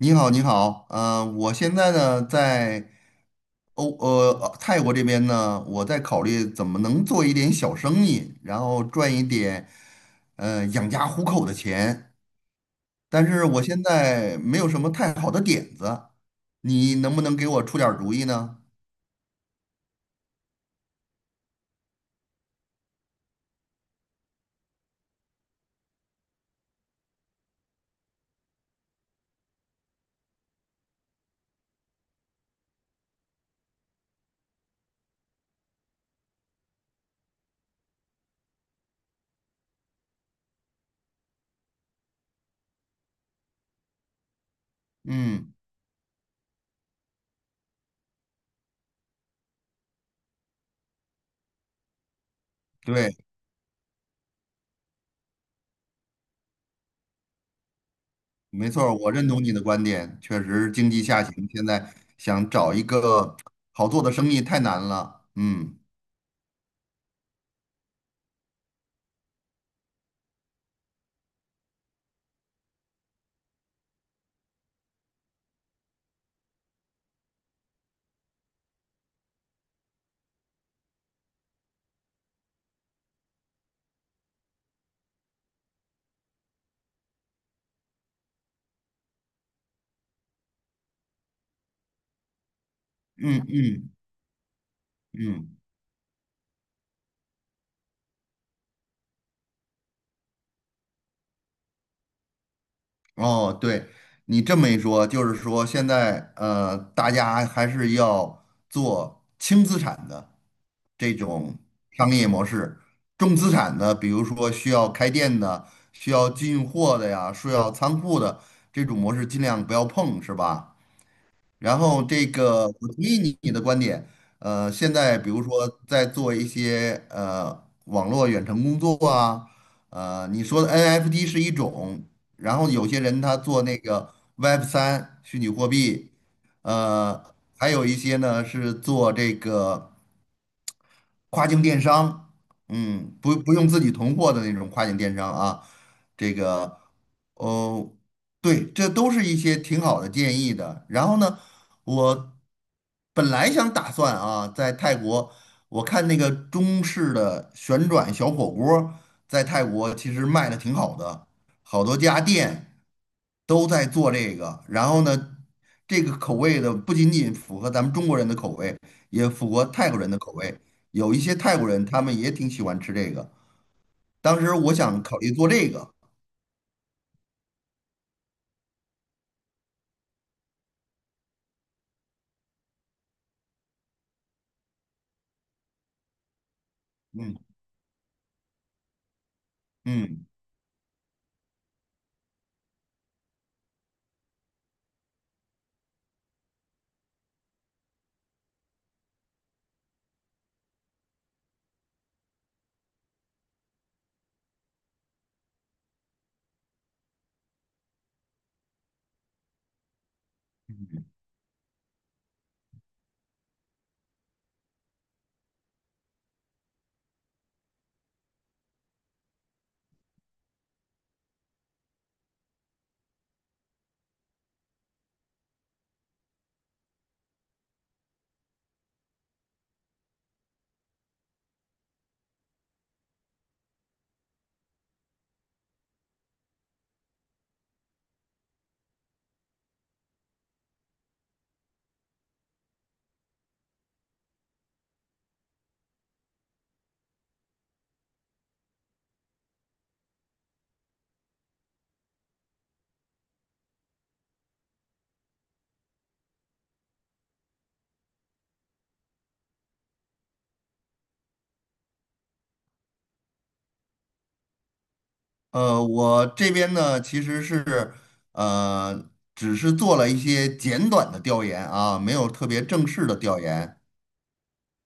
你好，你好，我现在呢在泰国这边呢，我在考虑怎么能做一点小生意，然后赚一点养家糊口的钱，但是我现在没有什么太好的点子，你能不能给我出点儿主意呢？嗯。对，没错儿，我认同你的观点，确实经济下行，现在想找一个好做的生意太难了。嗯嗯嗯嗯。哦，对，你这么一说，就是说现在大家还是要做轻资产的这种商业模式，重资产的，比如说需要开店的、需要进货的呀、需要仓库的这种模式，尽量不要碰，是吧？然后这个，我同意你的观点。现在比如说在做一些网络远程工作啊，你说的 NFT 是一种，然后有些人他做那个 Web3虚拟货币，呃，还有一些呢是做这个。跨境电商，嗯，不用自己囤货的那种跨境电商啊，这个，哦，对，这都是一些挺好的建议的。然后呢，我本来想打算啊，在泰国，我看那个中式的旋转小火锅儿在泰国其实卖的挺好的，好多家店都在做这个。然后呢，这个口味的不仅仅符合咱们中国人的口味，也符合泰国人的口味。有一些泰国人，他们也挺喜欢吃这个。当时我想考虑做这个，嗯嗯，我这边呢其实是呃，只是做了一些简短的调研啊，没有特别正式的调研。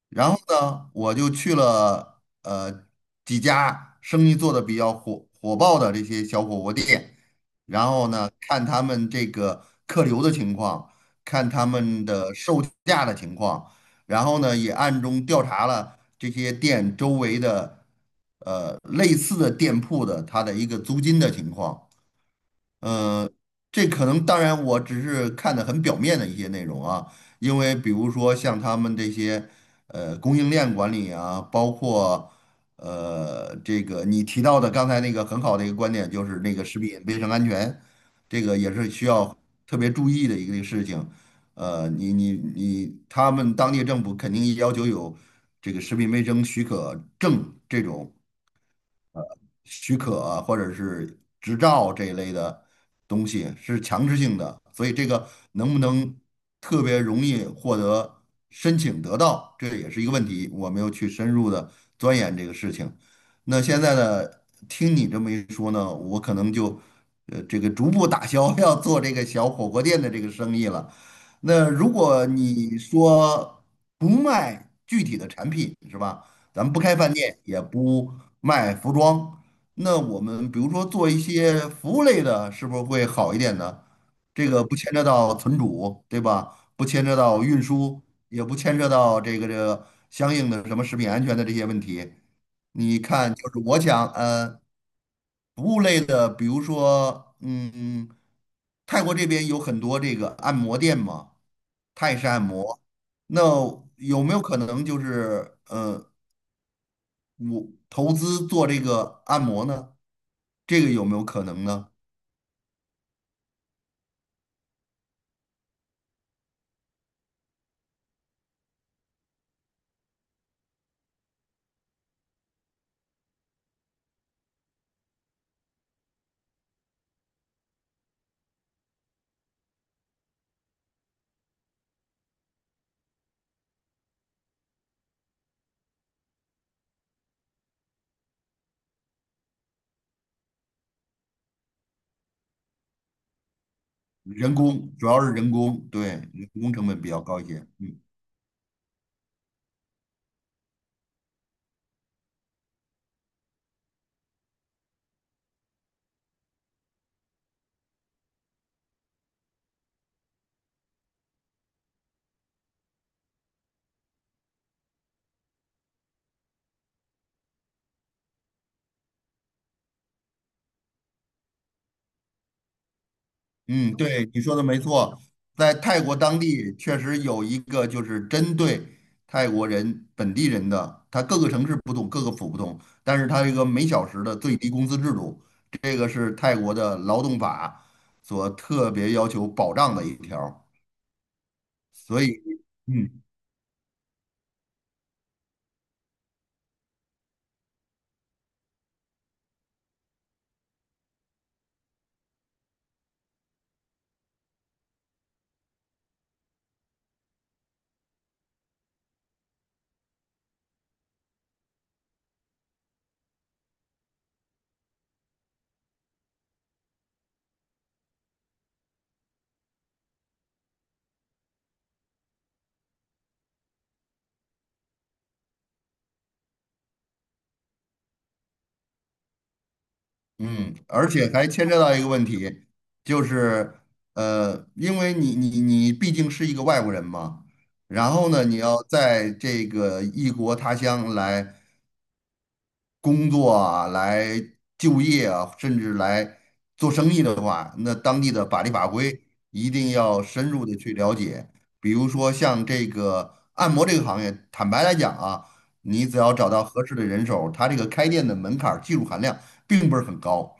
然后呢，我就去了几家生意做的比较火爆的这些小火锅店，然后呢，看他们这个客流的情况，看他们的售价的情况，然后呢，也暗中调查了这些店周围的类似的店铺的它的一个租金的情况。这可能当然我只是看的很表面的一些内容啊，因为比如说像他们这些供应链管理啊，包括这个你提到的刚才那个很好的一个观点，就是那个食品卫生安全，这个也是需要特别注意的一个事情。呃，你你你，他们当地政府肯定要求有这个食品卫生许可证这种。许可啊或者是执照这一类的东西是强制性的，所以这个能不能特别容易获得申请得到，这也是一个问题，我没有去深入的钻研这个事情。那现在呢，听你这么一说呢，我可能就这个逐步打消 要做这个小火锅店的这个生意了。那如果你说不卖具体的产品是吧？咱们不开饭店，也不卖服装，那我们比如说做一些服务类的，是不是会好一点呢？这个不牵扯到存储，对吧？不牵扯到运输，也不牵扯到这个相应的什么食品安全的这些问题。你看，就是我想，服务类的，比如说，嗯，泰国这边有很多这个按摩店嘛，泰式按摩，那有没有可能就是，我投资做这个按摩呢，这个有没有可能呢？人工主要是人工，对，人工成本比较高一些。嗯。嗯，对，你说的没错，在泰国当地确实有一个就是针对泰国人本地人的，他各个城市不同，各个府不同，但是他这个每小时的最低工资制度，这个是泰国的劳动法所特别要求保障的一条儿所以。嗯。嗯，而且还牵扯到一个问题，就是因为你毕竟是一个外国人嘛，然后呢，你要在这个异国他乡来工作啊，来就业啊，甚至来做生意的话，那当地的法律法规一定要深入的去了解。比如说像这个按摩这个行业，坦白来讲啊，你只要找到合适的人手，它这个开店的门槛儿技术含量并不是很高，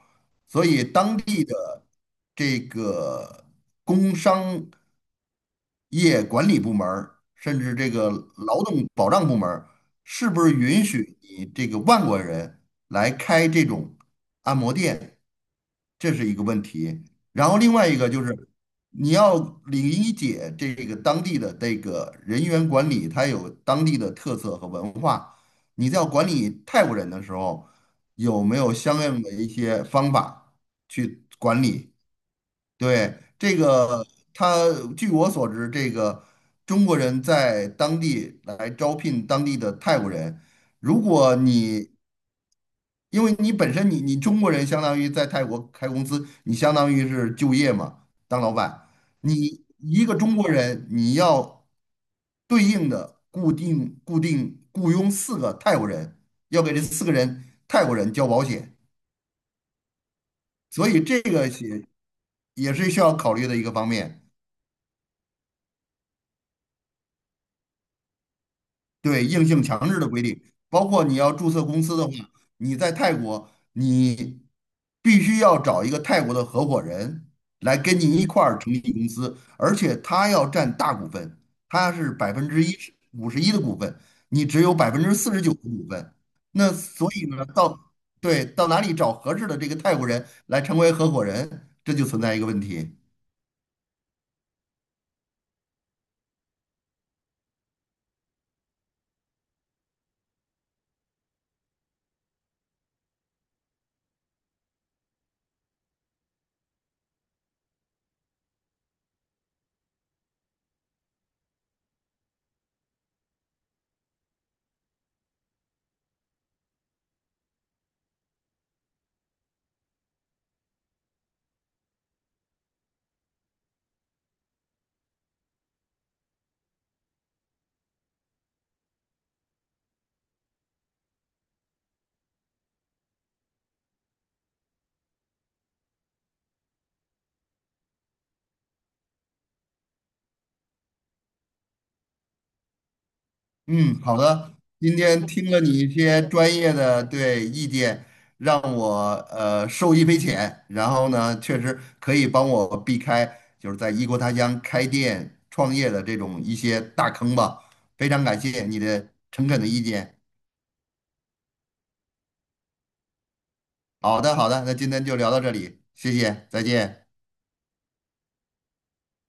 所以当地的这个工商。业管理部门儿甚至这个劳动保障部门儿是不是允许你这个外国人来开这种按摩店？这是一个问题。然后另外一个就是，你要理解这个当地的这个人员管理，它有当地的特色和文化。你在管理泰国人的时候，有没有相应的一些方法去管理？对，这个，他据我所知，这个中国人在当地来招聘当地的泰国人。如果你，因为你本身你中国人相当于在泰国开公司，你相当于是就业嘛，当老板。你一个中国人，你要对应的固定雇佣四个泰国人，要给这四个人泰国人交保险，所以这个也是需要考虑的一个方面。对，硬性强制的规定，包括你要注册公司的话，你在泰国，你必须要找一个泰国的合伙人来跟你一块儿成立公司，而且他要占大股份，他是百分之一五十一的股份，你只有49%的股份，那所以呢，到哪里找合适的这个泰国人来成为合伙人，这就存在一个问题。嗯，好的。今天听了你一些专业的对意见，让我受益匪浅。然后呢，确实可以帮我避开就是在异国他乡开店创业的这种一些大坑吧。非常感谢你的诚恳的意见。好的，好的，那今天就聊到这里，谢谢，再见。